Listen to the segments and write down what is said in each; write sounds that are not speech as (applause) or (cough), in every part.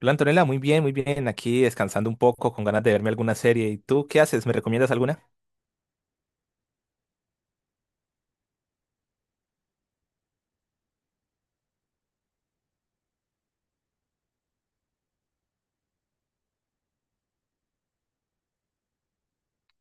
Hola Antonella, muy bien, muy bien. Aquí descansando un poco, con ganas de verme alguna serie. ¿Y tú qué haces? ¿Me recomiendas alguna?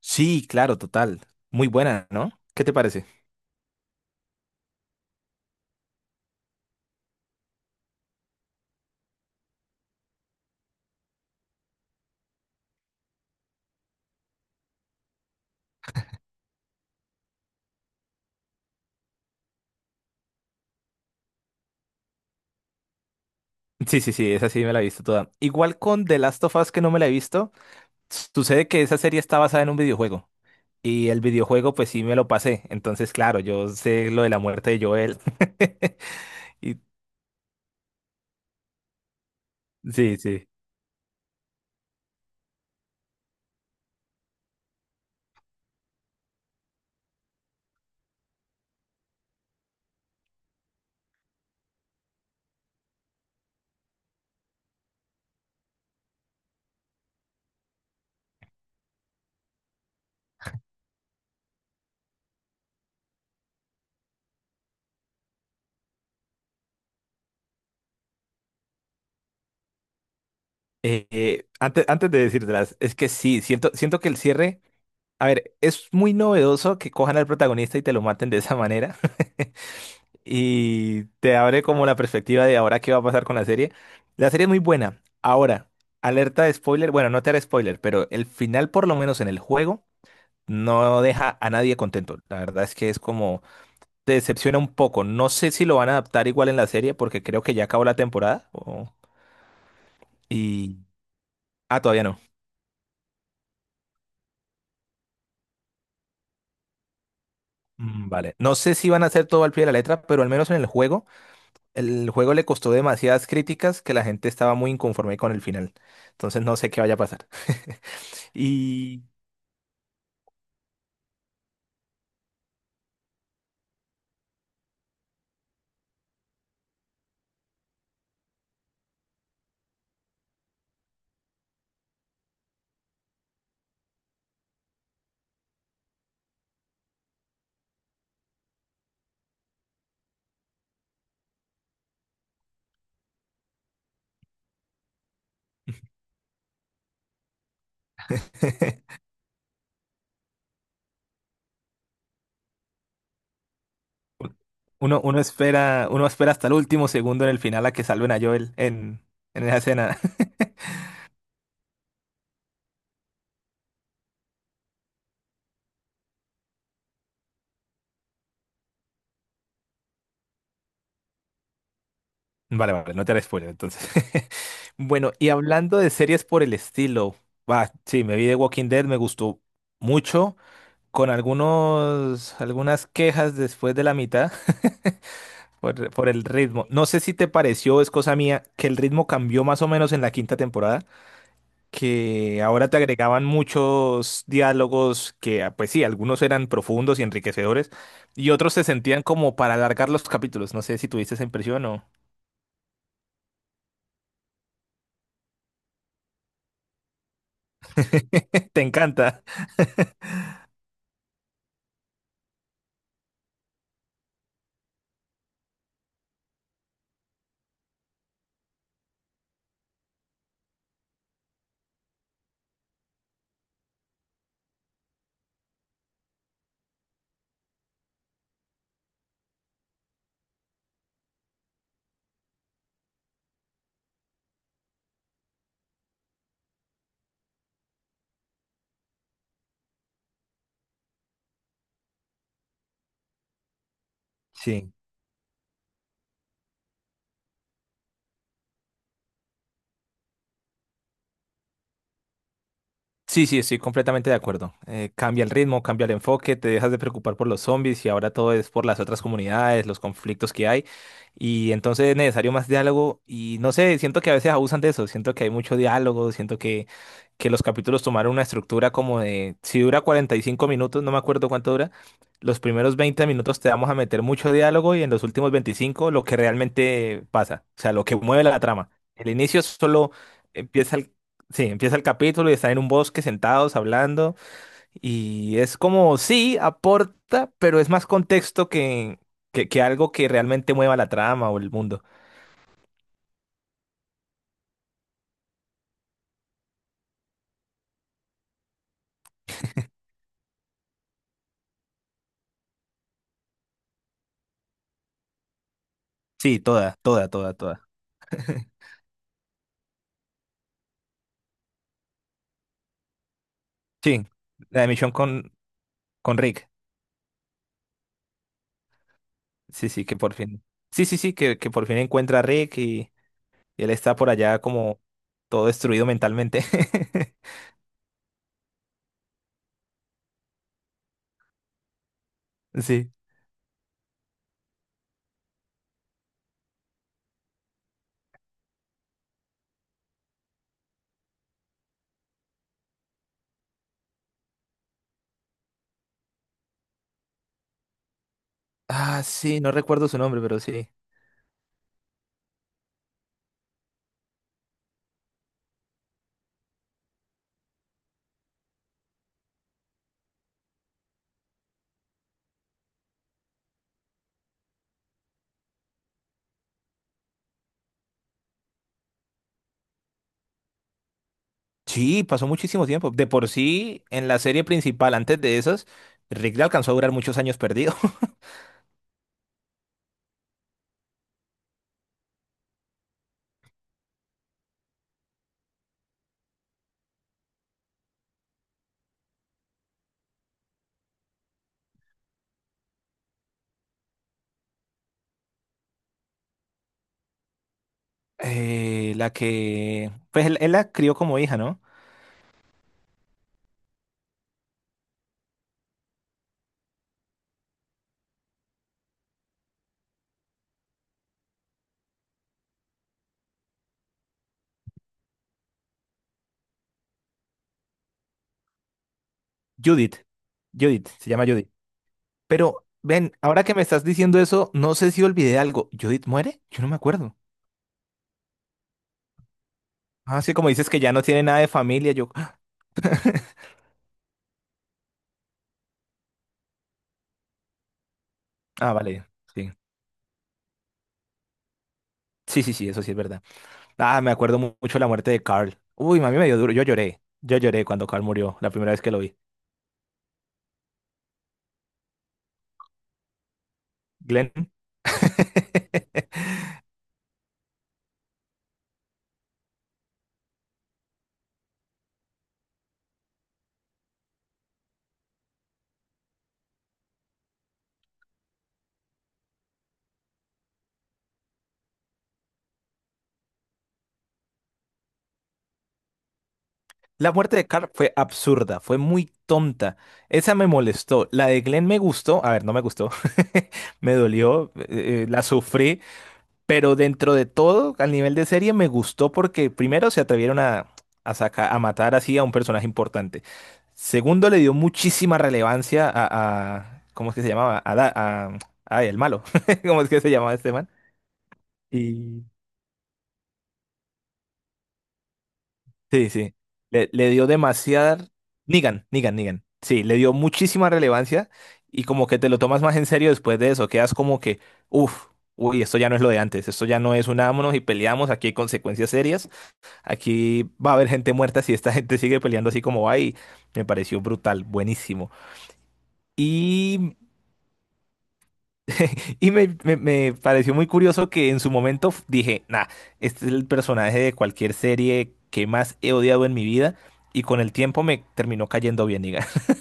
Sí, claro, total. Muy buena, ¿no? ¿Qué te parece? Sí, sí, sí, esa sí me la he visto toda. Igual con The Last of Us que no me la he visto, sucede que esa serie está basada en un videojuego. Y el videojuego, pues sí me lo pasé. Entonces, claro, yo sé lo de la muerte de Joel. (laughs) Y sí, sí. Antes de decírtelas, es que sí, siento que el cierre. A ver, es muy novedoso que cojan al protagonista y te lo maten de esa manera. (laughs) Y te abre como la perspectiva de ahora qué va a pasar con la serie. La serie es muy buena. Ahora, alerta de spoiler. Bueno, no te haré spoiler, pero el final, por lo menos en el juego, no deja a nadie contento. La verdad es que es como, te decepciona un poco. No sé si lo van a adaptar igual en la serie porque creo que ya acabó la temporada. Y... Ah, todavía no. Vale. No sé si van a hacer todo al pie de la letra, pero al menos en el juego. El juego le costó demasiadas críticas que la gente estaba muy inconforme con el final. Entonces no sé qué vaya a pasar. (laughs) Y (laughs) uno espera, uno espera hasta el último segundo en el final a que salven a Joel en esa escena. (laughs) Vale, vale, no te haré spoiler entonces. (laughs) Bueno, y hablando de series por el estilo, va, sí, me vi de Walking Dead, me gustó mucho, con algunas quejas después de la mitad. Por el ritmo. No sé si te pareció, es cosa mía, que el ritmo cambió más o menos en la quinta temporada, que ahora te agregaban muchos diálogos que, ah, pues sí, algunos eran profundos y enriquecedores, y otros se sentían como para alargar los capítulos. ¿No sé si tuviste esa impresión o (laughs) te encanta? Sí. Sí, sí, estoy completamente de acuerdo. Cambia el ritmo, cambia el enfoque, te dejas de preocupar por los zombies y ahora todo es por las otras comunidades, los conflictos que hay. Y entonces es necesario más diálogo y no sé, siento que a veces abusan de eso, siento que hay mucho diálogo, siento que los capítulos tomaron una estructura como de, si dura 45 minutos, no me acuerdo cuánto dura, los primeros 20 minutos te vamos a meter mucho diálogo y en los últimos 25 lo que realmente pasa, o sea, lo que mueve la trama. El inicio solo empieza. Sí, empieza el capítulo y están en un bosque sentados hablando y es como, sí, aporta, pero es más contexto que algo que realmente mueva la trama o el mundo. Sí, toda, toda, toda, toda. (laughs) Sí, la de Michonne con Rick. Sí, sí, que por fin. Sí, sí, sí, que por fin encuentra a Rick y él está por allá como todo destruido mentalmente. (laughs) Sí. Ah, sí, no recuerdo su nombre, pero sí. Sí, pasó muchísimo tiempo. De por sí, en la serie principal, antes de esas, Rick le alcanzó a durar muchos años perdido. (laughs) La que... Pues él la crió como hija, ¿no? Judith. Judith, se llama Judith. Pero, ven, ahora que me estás diciendo eso, no sé si olvidé algo. ¿Judith muere? Yo no me acuerdo. Ah, sí, como dices que ya no tiene nada de familia, yo... (laughs) (gasps) Ah, vale, sí. Sí, sí, sí, eso sí es verdad. Ah, me acuerdo mucho la muerte de Carl. Uy, mami, me dio duro. Yo lloré. Yo lloré cuando Carl murió, la primera vez que lo vi. Glenn. (laughs) La muerte de Carl fue absurda, fue muy tonta. Esa me molestó. La de Glenn me gustó. A ver, no me gustó. (laughs) Me dolió, la sufrí. Pero dentro de todo, al nivel de serie, me gustó porque primero se atrevieron a a matar así a un personaje importante. Segundo, le dio muchísima relevancia a ¿cómo es que se llamaba? A, ay, el malo. (laughs) ¿Cómo es que se llamaba este man? Y sí, sí. Le dio demasiada... Negan, Negan, Negan. Sí, le dio muchísima relevancia y como que te lo tomas más en serio después de eso. Quedas como que, uff, uy, esto ya no es lo de antes. Esto ya no es unámonos y peleamos. Aquí hay consecuencias serias. Aquí va a haber gente muerta si esta (laughs) gente sigue peleando así como va y me pareció brutal, buenísimo. Y me pareció muy curioso que en su momento dije, nah, este es el personaje de cualquier serie que más he odiado en mi vida. Y con el tiempo me terminó cayendo bien, diga. (laughs)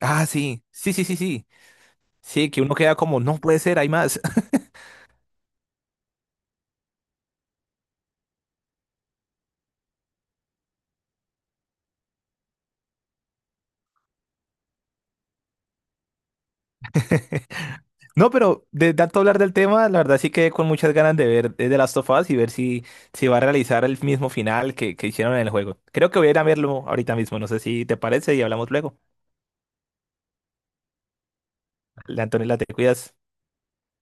Ah, sí, sí, sí, sí, sí. Sí, que uno queda como, no puede ser, hay más. (laughs) No, pero de tanto hablar del tema, la verdad sí quedé con muchas ganas de ver The Last of Us y ver si, si va a realizar el mismo final que hicieron en el juego. Creo que voy a ir a verlo ahorita mismo, no sé si te parece y hablamos luego. Antonella, te cuidas.